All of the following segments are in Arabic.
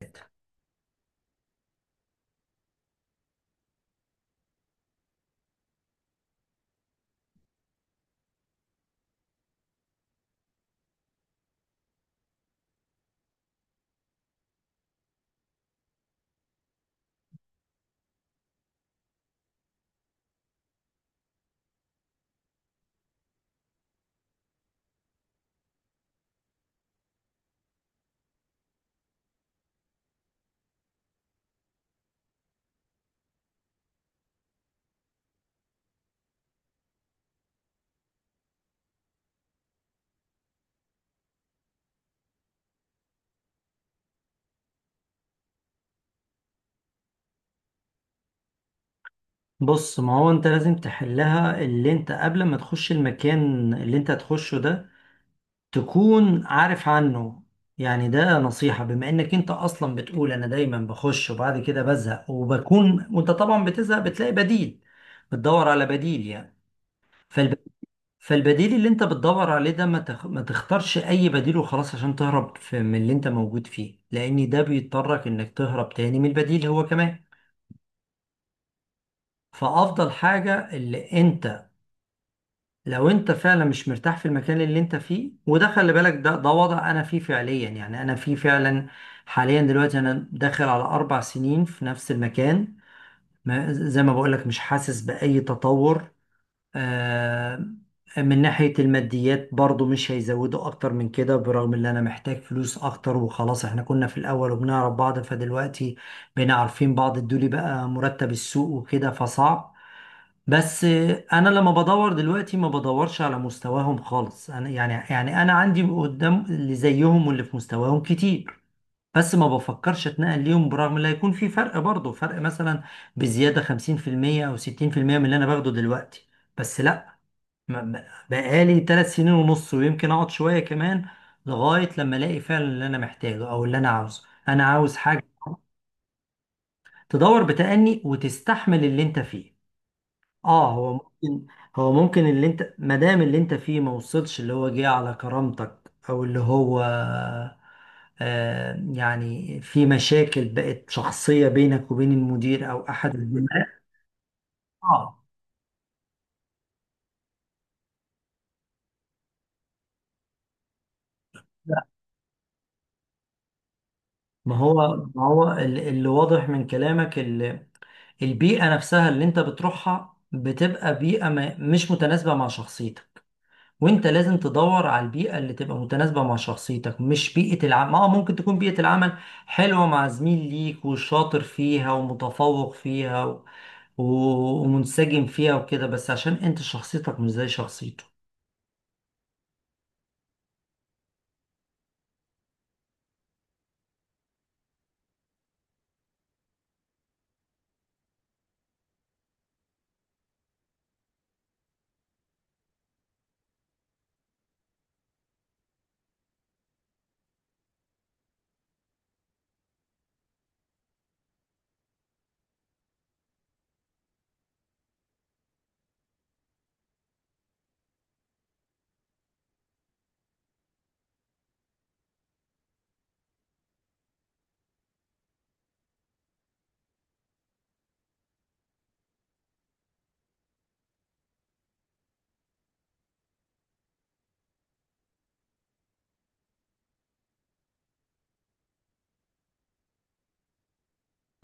ثلاثة. بص، ما هو انت لازم تحلها. اللي انت قبل ما تخش المكان اللي انت هتخشه ده تكون عارف عنه. يعني ده نصيحة بما انك انت اصلا بتقول انا دايما بخش وبعد كده بزهق، وبكون وانت طبعا بتزهق بتلاقي بديل، بتدور على بديل يعني. فالبديل اللي انت بتدور عليه ده ما تختارش اي بديل وخلاص عشان تهرب من اللي انت موجود فيه، لان ده بيضطرك انك تهرب تاني من البديل هو كمان. فافضل حاجة، اللي انت لو انت فعلا مش مرتاح في المكان اللي انت فيه، وده خلي بالك، ده وضع انا فيه فعليا يعني انا فيه فعلا حاليا دلوقتي. انا داخل على 4 سنين في نفس المكان، ما... زي ما بقولك مش حاسس باي تطور. آه، من ناحية الماديات برضو مش هيزودوا أكتر من كده، برغم إن أنا محتاج فلوس أكتر. وخلاص إحنا كنا في الأول وبنعرف بعض، فدلوقتي بقينا عارفين بعض الدولي، بقى مرتب السوق وكده فصعب. بس أنا لما بدور دلوقتي ما بدورش على مستواهم خالص. أنا يعني يعني أنا عندي قدام اللي زيهم واللي في مستواهم كتير، بس ما بفكرش اتنقل ليهم، برغم ان هيكون في فرق برضه، فرق مثلا بزيادة 50% أو 60% من اللي أنا باخده دلوقتي. بس لا، بقالي 3 سنين ونص، ويمكن اقعد شوية كمان لغاية لما الاقي فعلا اللي انا محتاجه او اللي انا عاوزه. انا عاوز حاجة تدور بتأني، وتستحمل اللي انت فيه. اه، هو ممكن اللي انت، ما دام اللي انت فيه ما وصلش اللي هو جه على كرامتك، او اللي هو آه، يعني في مشاكل بقت شخصية بينك وبين المدير او احد الزملاء. اه، لا، ما هو اللي واضح من كلامك، البيئة نفسها اللي انت بتروحها بتبقى بيئة مش متناسبة مع شخصيتك، وانت لازم تدور على البيئة اللي تبقى متناسبة مع شخصيتك. مش بيئة العمل، اه، ممكن تكون بيئة العمل حلوة، مع زميل ليك وشاطر فيها ومتفوق فيها ومنسجم فيها وكده، بس عشان انت شخصيتك مش زي شخصيته.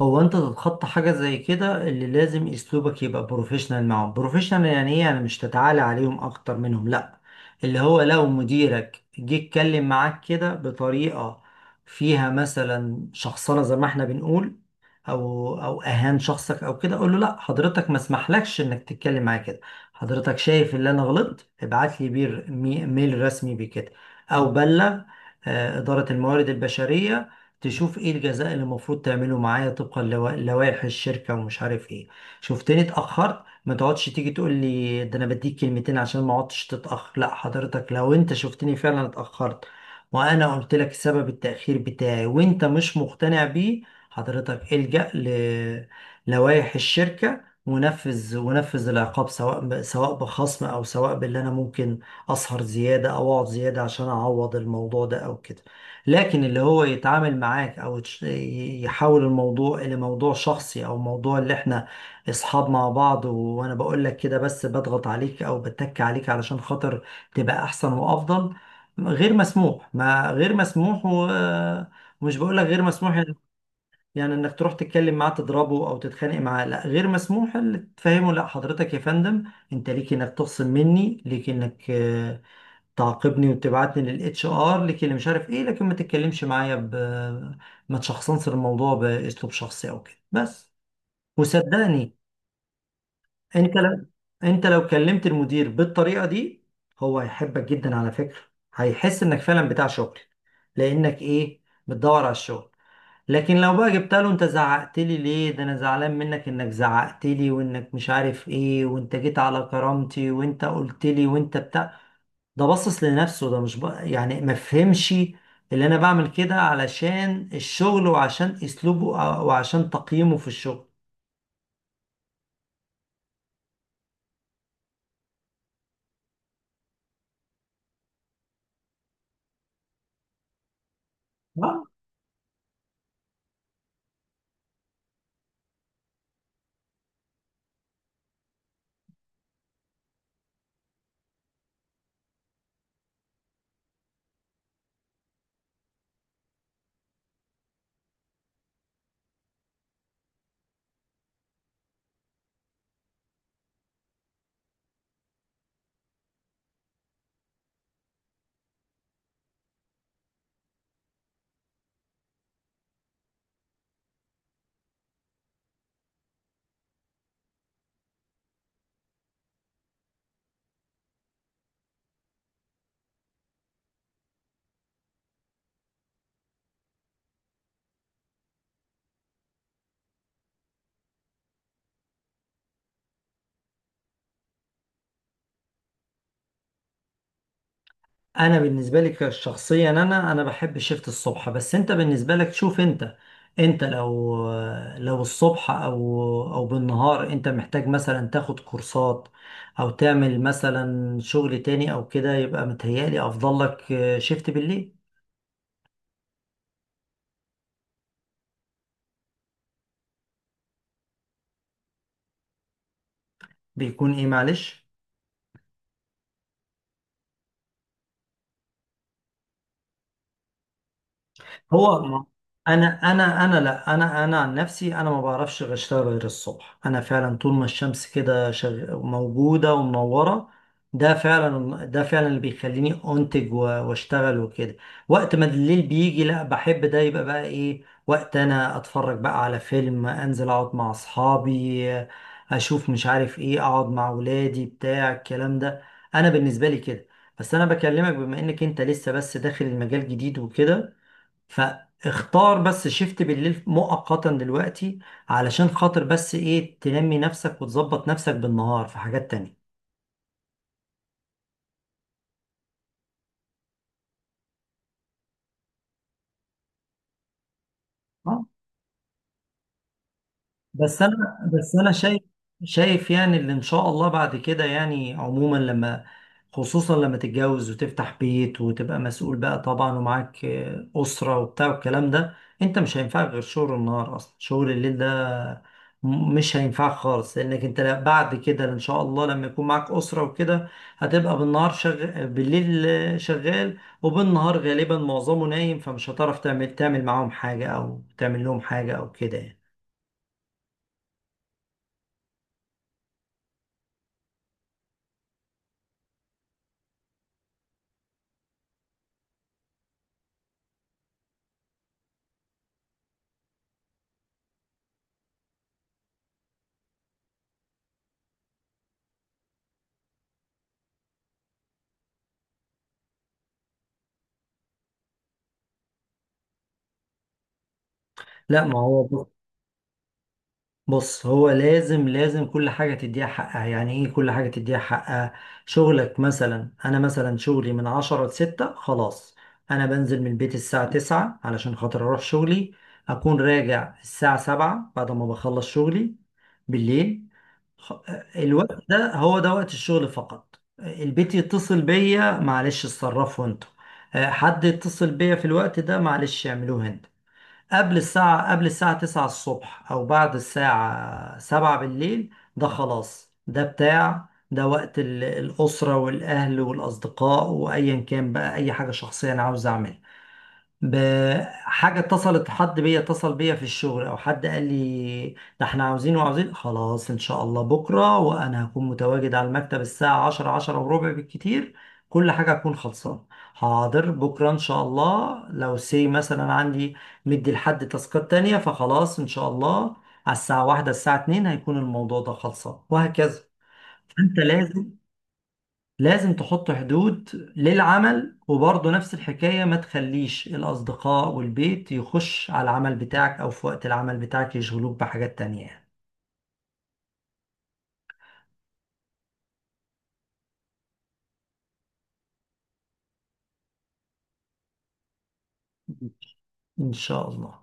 هو انت تتخطى حاجة زي كده، اللي لازم اسلوبك يبقى بروفيشنال معاهم. بروفيشنال يعني ايه؟ يعني مش تتعالى عليهم اكتر منهم، لا. اللي هو لو مديرك جه اتكلم معاك كده، بطريقة فيها مثلا شخصنة زي ما احنا بنقول، او او اهان شخصك او كده، اقول له: لا حضرتك، ما اسمحلكش انك تتكلم معايا كده. حضرتك شايف ان انا غلطت، ابعت لي بير ميل رسمي بكده، او بلغ إدارة الموارد البشرية، تشوف ايه الجزاء اللي المفروض تعمله معايا طبقا لوائح الشركة ومش عارف ايه. شفتني اتأخرت، ما تقعدش تيجي تقول لي ده انا بديك كلمتين عشان ما اقعدش تتأخر. لا حضرتك، لو انت شفتني فعلا اتأخرت، وانا قلت لك سبب التأخير بتاعي وانت مش مقتنع بيه، حضرتك الجأ للوائح الشركة ونفذ، ونفذ العقاب، سواء سواء بخصم، او سواء باللي انا ممكن اسهر زيادة او اقعد زيادة عشان اعوض الموضوع ده او كده. لكن اللي هو يتعامل معاك، او يحول الموضوع الى موضوع شخصي، او موضوع اللي احنا اصحاب مع بعض، وانا بقول لك كده بس بضغط عليك او بتك عليك علشان خاطر تبقى احسن وافضل، غير مسموح، ما غير مسموح. ومش بقول لك غير مسموح يعني، يعني انك تروح تتكلم معاه تضربه او تتخانق معاه، لا غير مسموح. اللي تفهمه، لا حضرتك يا فندم، انت ليك انك تخصم مني، ليك انك تعاقبني وتبعتني للاتش ار، ليك اللي مش عارف ايه، لكن ما تتكلمش معايا ب، ما تشخصنش الموضوع باسلوب شخصي او كده، بس. وصدقني، انت لو انت لو كلمت المدير بالطريقة دي، هو هيحبك جدا على فكرة. هيحس انك فعلا بتاع شغل، لانك ايه، بتدور على الشغل. لكن لو بقى جبت له: انت زعقت لي ليه، ده انا زعلان منك انك زعقت لي، وانك مش عارف ايه، وانت جيت على كرامتي، وانت قلت لي، وانت بتاع، ده بصص لنفسه، ده مش بقى يعني ما فهمش اللي انا بعمل كده علشان الشغل، وعشان اسلوبه وعشان تقييمه في الشغل. انا بالنسبه لي كشخصيا، انا بحب شيفت الصبح. بس انت بالنسبه لك، شوف انت، انت لو، لو الصبح او او بالنهار انت محتاج مثلا تاخد كورسات، او تعمل مثلا شغل تاني او كده، يبقى متهيألي افضل لك شيفت بالليل. بيكون ايه معلش، هو انا انا لا، انا عن نفسي، انا ما بعرفش غير اشتغل غير الصبح. انا فعلا طول ما الشمس كده موجوده ومنوره، ده فعلا اللي بيخليني انتج واشتغل وكده. وقت ما الليل بيجي، لا بحب ده يبقى بقى ايه، وقت انا اتفرج بقى على فيلم، انزل اقعد مع اصحابي، اشوف مش عارف ايه، اقعد مع ولادي، بتاع الكلام ده. انا بالنسبه لي كده. بس انا بكلمك بما انك انت لسه بس داخل المجال جديد وكده، فاختار بس شيفت بالليل مؤقتا دلوقتي، علشان خاطر بس ايه، تنمي نفسك وتظبط نفسك بالنهار في حاجات تانية. بس انا بس انا شايف يعني اللي ان شاء الله بعد كده، يعني عموما لما، خصوصا لما تتجوز وتفتح بيت وتبقى مسؤول بقى طبعا ومعاك اسره وبتاع والكلام ده، انت مش هينفعك غير شغل النهار، اصلا شغل الليل ده مش هينفعك خالص، لانك انت بعد كده ان شاء الله لما يكون معاك اسره وكده، هتبقى بالنهار شغال، بالليل شغال، وبالنهار غالبا معظمه نايم، فمش هتعرف تعمل معاهم حاجه، او تعمل لهم حاجه او كده يعني. لا، ما هو، بص، هو لازم كل حاجة تديها حقها. يعني ايه كل حاجة تديها حقها؟ شغلك مثلا، انا مثلا شغلي من عشرة لستة، خلاص. انا بنزل من البيت الساعة 9 علشان خاطر اروح شغلي، اكون راجع الساعة 7 بعد ما بخلص شغلي بالليل. خ- الوقت ده هو ده وقت الشغل فقط. البيت يتصل بيا معلش، اتصرفوا انتوا. حد يتصل بيا في الوقت ده معلش، اعملوه انت. قبل الساعة 9 الصبح، أو بعد الساعة 7 بالليل، ده خلاص، ده بتاع، ده وقت الأسرة والأهل والأصدقاء، وأيا كان بقى أي حاجة شخصية أنا عاوز أعملها. بحاجة اتصلت، حد بيا اتصل بيا في الشغل او حد قال لي: ده احنا عاوزين وعاوزين، خلاص ان شاء الله بكرة، وانا هكون متواجد على المكتب الساعة 10، 10 وربع بالكتير، كل حاجة هكون خلصان. حاضر، بكرة ان شاء الله لو سي مثلا عندي مدي لحد تاسكات تانية، فخلاص ان شاء الله على الساعة 1، الساعة 2 هيكون الموضوع ده خلصان، وهكذا. انت لازم تحط حدود للعمل، وبرضه نفس الحكاية، ما تخليش الأصدقاء والبيت يخش على العمل بتاعك، أو في وقت العمل بتاعك يشغلوك بحاجات تانية يعني. إن شاء الله